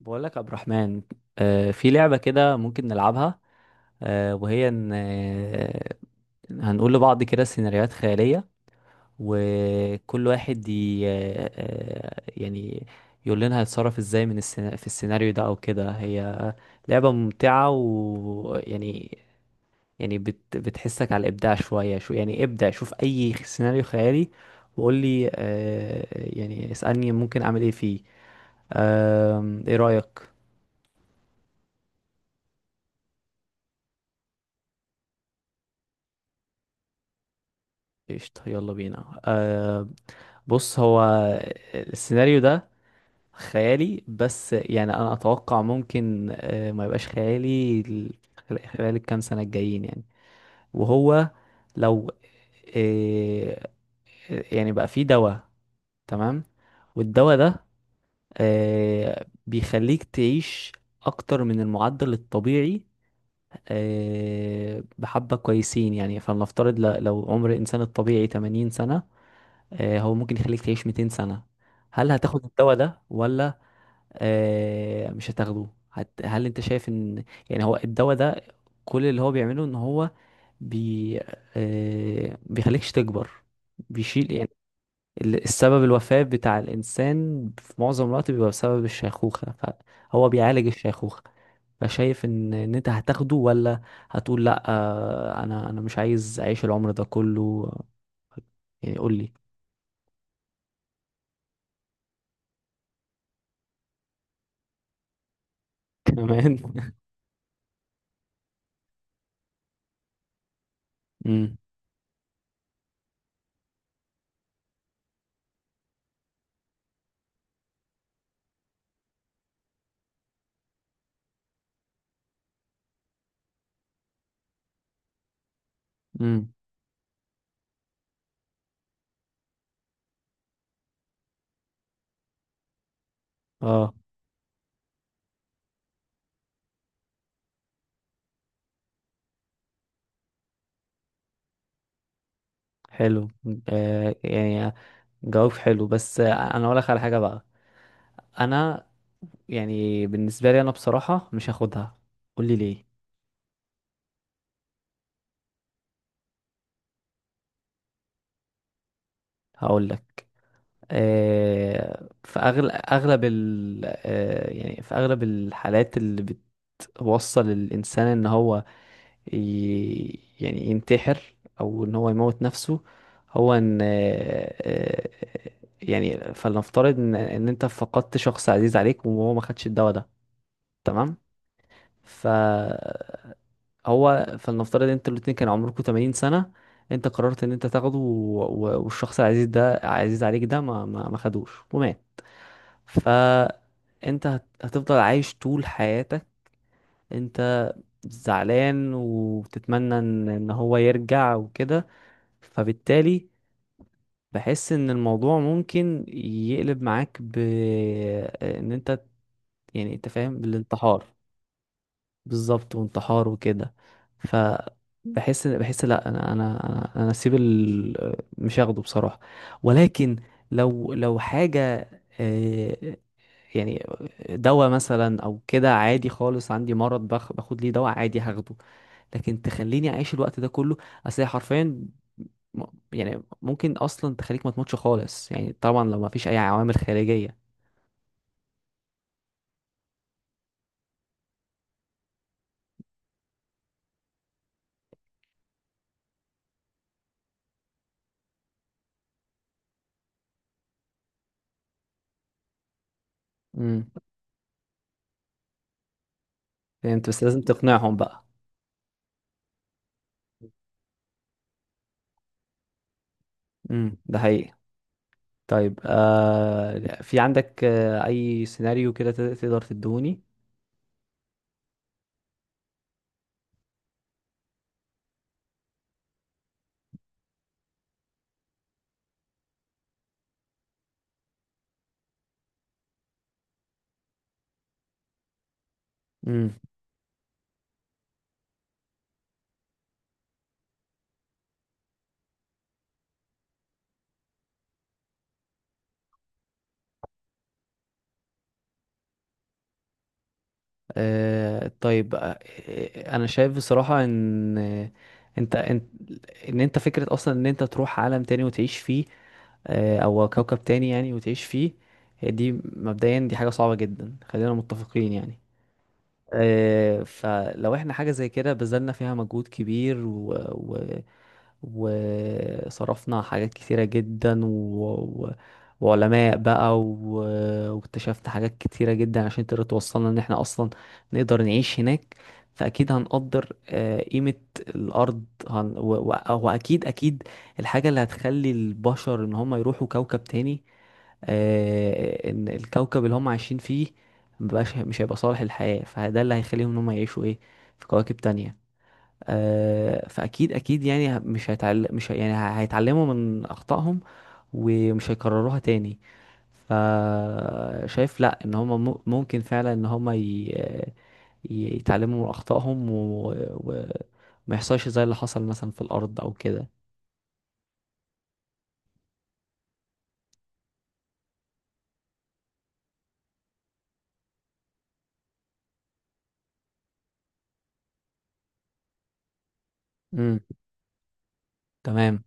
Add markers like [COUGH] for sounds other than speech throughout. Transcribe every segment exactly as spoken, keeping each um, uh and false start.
بقول لك يا عبد الرحمن، آه، في لعبة كده ممكن نلعبها. آه، وهي ان آه، هنقول لبعض كده سيناريوهات خيالية، وكل واحد ي... آه، آه، يعني يقول لنا هيتصرف ازاي من السينا... في السيناريو ده او كده. هي لعبة ممتعة، ويعني يعني بت... بتحسك على الابداع شوية. شو يعني ابدع، شوف اي سيناريو خيالي وقول لي. آه، يعني اسألني ممكن اعمل ايه فيه. آم، ايه رأيك؟ قشطة، يلا بينا. أه بص، هو السيناريو ده خيالي، بس يعني انا اتوقع ممكن أه ما يبقاش خيالي ال- خل- خلال الكام سنة الجايين يعني. وهو لو أه يعني بقى فيه دواء، تمام؟ والدواء ده أه بيخليك تعيش اكتر من المعدل الطبيعي، أه بحبة كويسين. يعني فلنفترض ل- لو عمر الانسان الطبيعي ثمانين سنة، آه، هو ممكن يخليك تعيش مئتين سنة. هل هتاخد الدواء ده ولا آه، مش هتاخده؟ هت... هل انت شايف ان يعني هو الدواء ده كل اللي هو بيعمله ان هو بي آه، بيخليكش تكبر، بيشيل يعني ال- السبب الوفاة بتاع الإنسان في معظم الوقت بيبقى بسبب الشيخوخة، فهو بيعالج الشيخوخة. فشايف ان ان انت هتاخده، ولا هتقول لا؟ آه، انا انا مش عايز اعيش العمر ده كله يعني، قول لي. كمان [LAUGHS] امم، اه، حلو. آه يعني جواب حلو، بس آه، انا اقول لك على حاجه بقى. انا يعني بالنسبه لي انا بصراحه مش هاخدها، قول لي ليه. هقول لك، آه في أغل... اغلب ال... آه يعني في اغلب الحالات اللي بتوصل الانسان ان هو ي... يعني ينتحر او ان هو يموت نفسه. هو ان آه آه يعني فلنفترض ان إن انت فقدت شخص عزيز عليك، وهو ما خدش الدواء ده، تمام؟ ف هو فلنفترض انتوا الاتنين كان عمركم ثمانين سنة، انت قررت ان انت تاخده و... و... والشخص العزيز ده عزيز عليك ده ما ما, ما خدوش ومات. فانت هت... هتفضل عايش طول حياتك انت زعلان، وبتتمنى ان ان هو يرجع وكده. فبالتالي بحس ان الموضوع ممكن يقلب معاك ب ان انت يعني انت فاهم، بالانتحار. بالظبط، وانتحار وكده. ف بحس بحس لا، انا انا انا انا اسيب ال... مش هاخده بصراحه. ولكن لو لو حاجه آه، يعني دواء مثلا او كده عادي خالص، عندي مرض بخ... باخد ليه دواء عادي، هاخده. لكن تخليني اعيش الوقت ده كله، اصل هي حرفيا م- يعني ممكن اصلا تخليك ما تموتش خالص يعني، طبعا لو ما فيش اي عوامل خارجيه. امم، فهمت، بس لازم تقنعهم بقى. امم، ده حقيقي. طيب آه في عندك آه اي سيناريو كده تد- تقدر تدوني؟ امم، آه طيب. آه آه، انا شايف بصراحة ان آه، انت انت ان انت فكرة اصلا ان انت تروح عالم تاني وتعيش فيه، آه، او كوكب تاني يعني وتعيش فيه، هي دي مبدئيا دي حاجة صعبة جدا، خلينا متفقين يعني. آه، فلو احنا حاجة زي كده بذلنا فيها مجهود كبير و... و... وصرفنا حاجات كتيرة جدا و... و... وعلماء بقى و... واكتشفنا حاجات كتيرة جدا عشان تقدر توصلنا ان احنا اصلا نقدر نعيش هناك، فاكيد هنقدر آه، قيمة الارض هن... و... و... واكيد اكيد الحاجة اللي هتخلي البشر ان هم يروحوا كوكب تاني، آه، ان الكوكب اللي هم عايشين فيه مبقاش مش هيبقى صالح للحياة، فده اللي هيخليهم ان هم يعيشوا ايه في كواكب تانية. آه، فاكيد اكيد يعني ه- مش هيتعل... مش هي- يعني ه- هيتعلموا من اخطائهم ومش هيكرروها تاني. فشايف، لا، ان هم م- ممكن فعلا ان هم ي... ي- يتعلموا من اخطائهم و... و... ما يحصلش زي اللي حصل مثلا في الارض او كده. امم، تمام.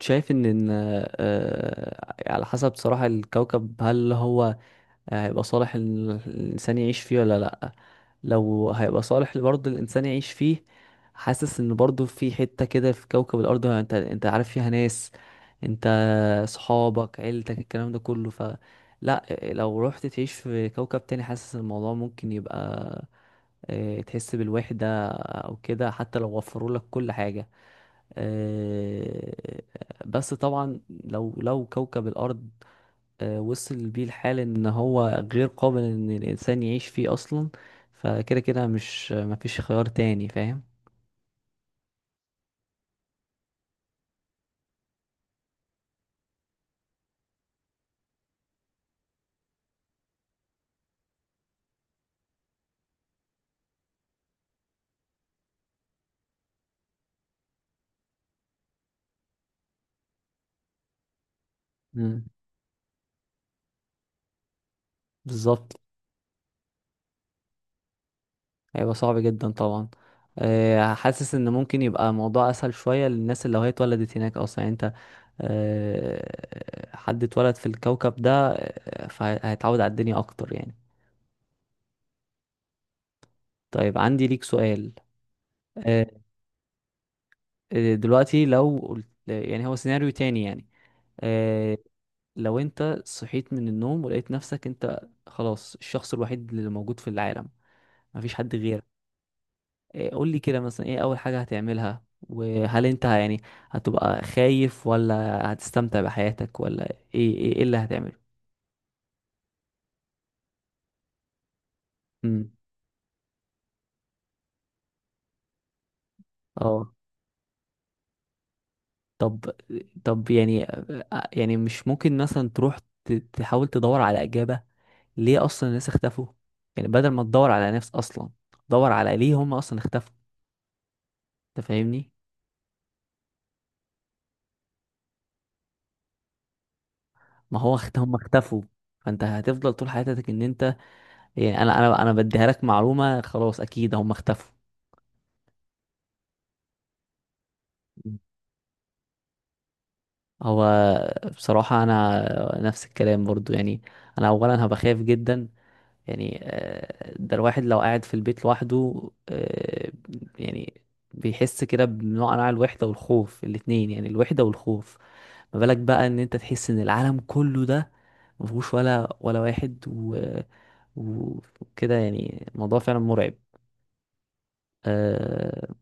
شايف ان إن، آه، على حسب صراحة الكوكب، هل هو آه، هيبقى صالح ال- الإنسان يعيش فيه ولا لأ. لو هيبقى صالح برضه الإنسان يعيش فيه، حاسس إن برضه في حتة كده في كوكب الأرض أنت أنت عارف فيها ناس، أنت صحابك عيلتك الكلام ده كله. ف لأ، لو رحت تعيش في كوكب تاني، حاسس الموضوع ممكن يبقى آه، تحس بالوحدة أو كده، حتى لو وفروا لك كل حاجة. آه، بس طبعا لو لو كوكب الأرض آه، وصل بيه الحال ان هو غير قابل ان الانسان يعيش فيه اصلا، فكده كده مش مفيش خيار تاني، فاهم؟ مم. بالظبط، هيبقى صعب جدا طبعا. آه، حاسس ان ممكن يبقى الموضوع اسهل شوية للناس اللي هي اتولدت هناك اصلا. يعني انت آه، حد اتولد في الكوكب ده، آه، فهيتعود على الدنيا اكتر يعني. طيب، عندي ليك سؤال. آه، آه، دلوقتي لو قلت يعني هو سيناريو تاني يعني، آه، لو انت صحيت من النوم ولقيت نفسك انت خلاص الشخص الوحيد اللي موجود في العالم، مفيش حد غيرك، إيه، قول لي كده مثلا ايه اول حاجة هتعملها؟ وهل انت يعني هتبقى خايف، ولا هتستمتع بحياتك، ولا ايه ايه, إيه اللي هتعمله؟ امم، اه. طب طب يعني آه، آه، يعني مش ممكن مثلا تروح ت- تحاول تدور على إجابة ليه اصلا الناس اختفوا؟ يعني بدل ما تدور على ناس اصلا، دور على ليه هم اصلا اختفوا، انت فاهمني؟ ما هو اخت- هم اختفوا، فانت هتفضل طول حياتك ان انت يعني. انا انا انا بديها لك معلومه خلاص، اكيد هم اختفوا. هو بصراحه انا نفس الكلام برضو يعني، انا اولا هبقى خايف جدا. يعني آه، ده الواحد لو قاعد في البيت لوحده آه، يعني بيحس كده بنوع انواع الوحدة والخوف الاتنين، يعني الوحدة والخوف. ما بالك بقى ان انت تحس ان العالم كله ده مفهوش ولا ولا واحد و- و- وكده، يعني الموضوع فعلا مرعب. آه،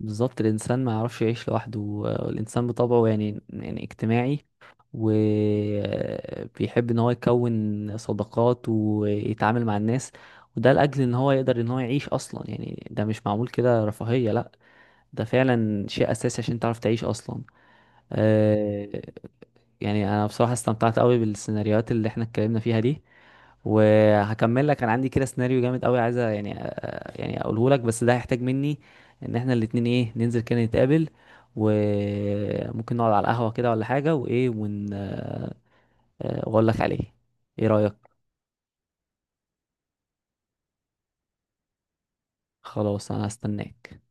بالظبط، الانسان ما يعرفش يعيش لوحده. آه، الانسان بطبعه يعني يعني اجتماعي، وبيحب ان هو يكون صداقات ويتعامل مع الناس، وده لاجل ان هو يقدر ان هو يعيش اصلا. يعني ده مش معمول كده رفاهية، لا، ده فعلا شيء اساسي عشان تعرف تعيش اصلا. آه، يعني انا بصراحة استمتعت قوي بالسيناريوهات اللي احنا اتكلمنا فيها دي، وهكمل لك، انا عندي كده سيناريو جامد قوي عايز أ- يعني آه، يعني اقوله لك، بس ده هيحتاج مني ان احنا الاتنين ايه ننزل كده نتقابل وممكن نقعد على القهوة كده ولا حاجة، وايه ون آه، آه، واقول لك عليه. ايه رأيك؟ خلاص، انا هستناك.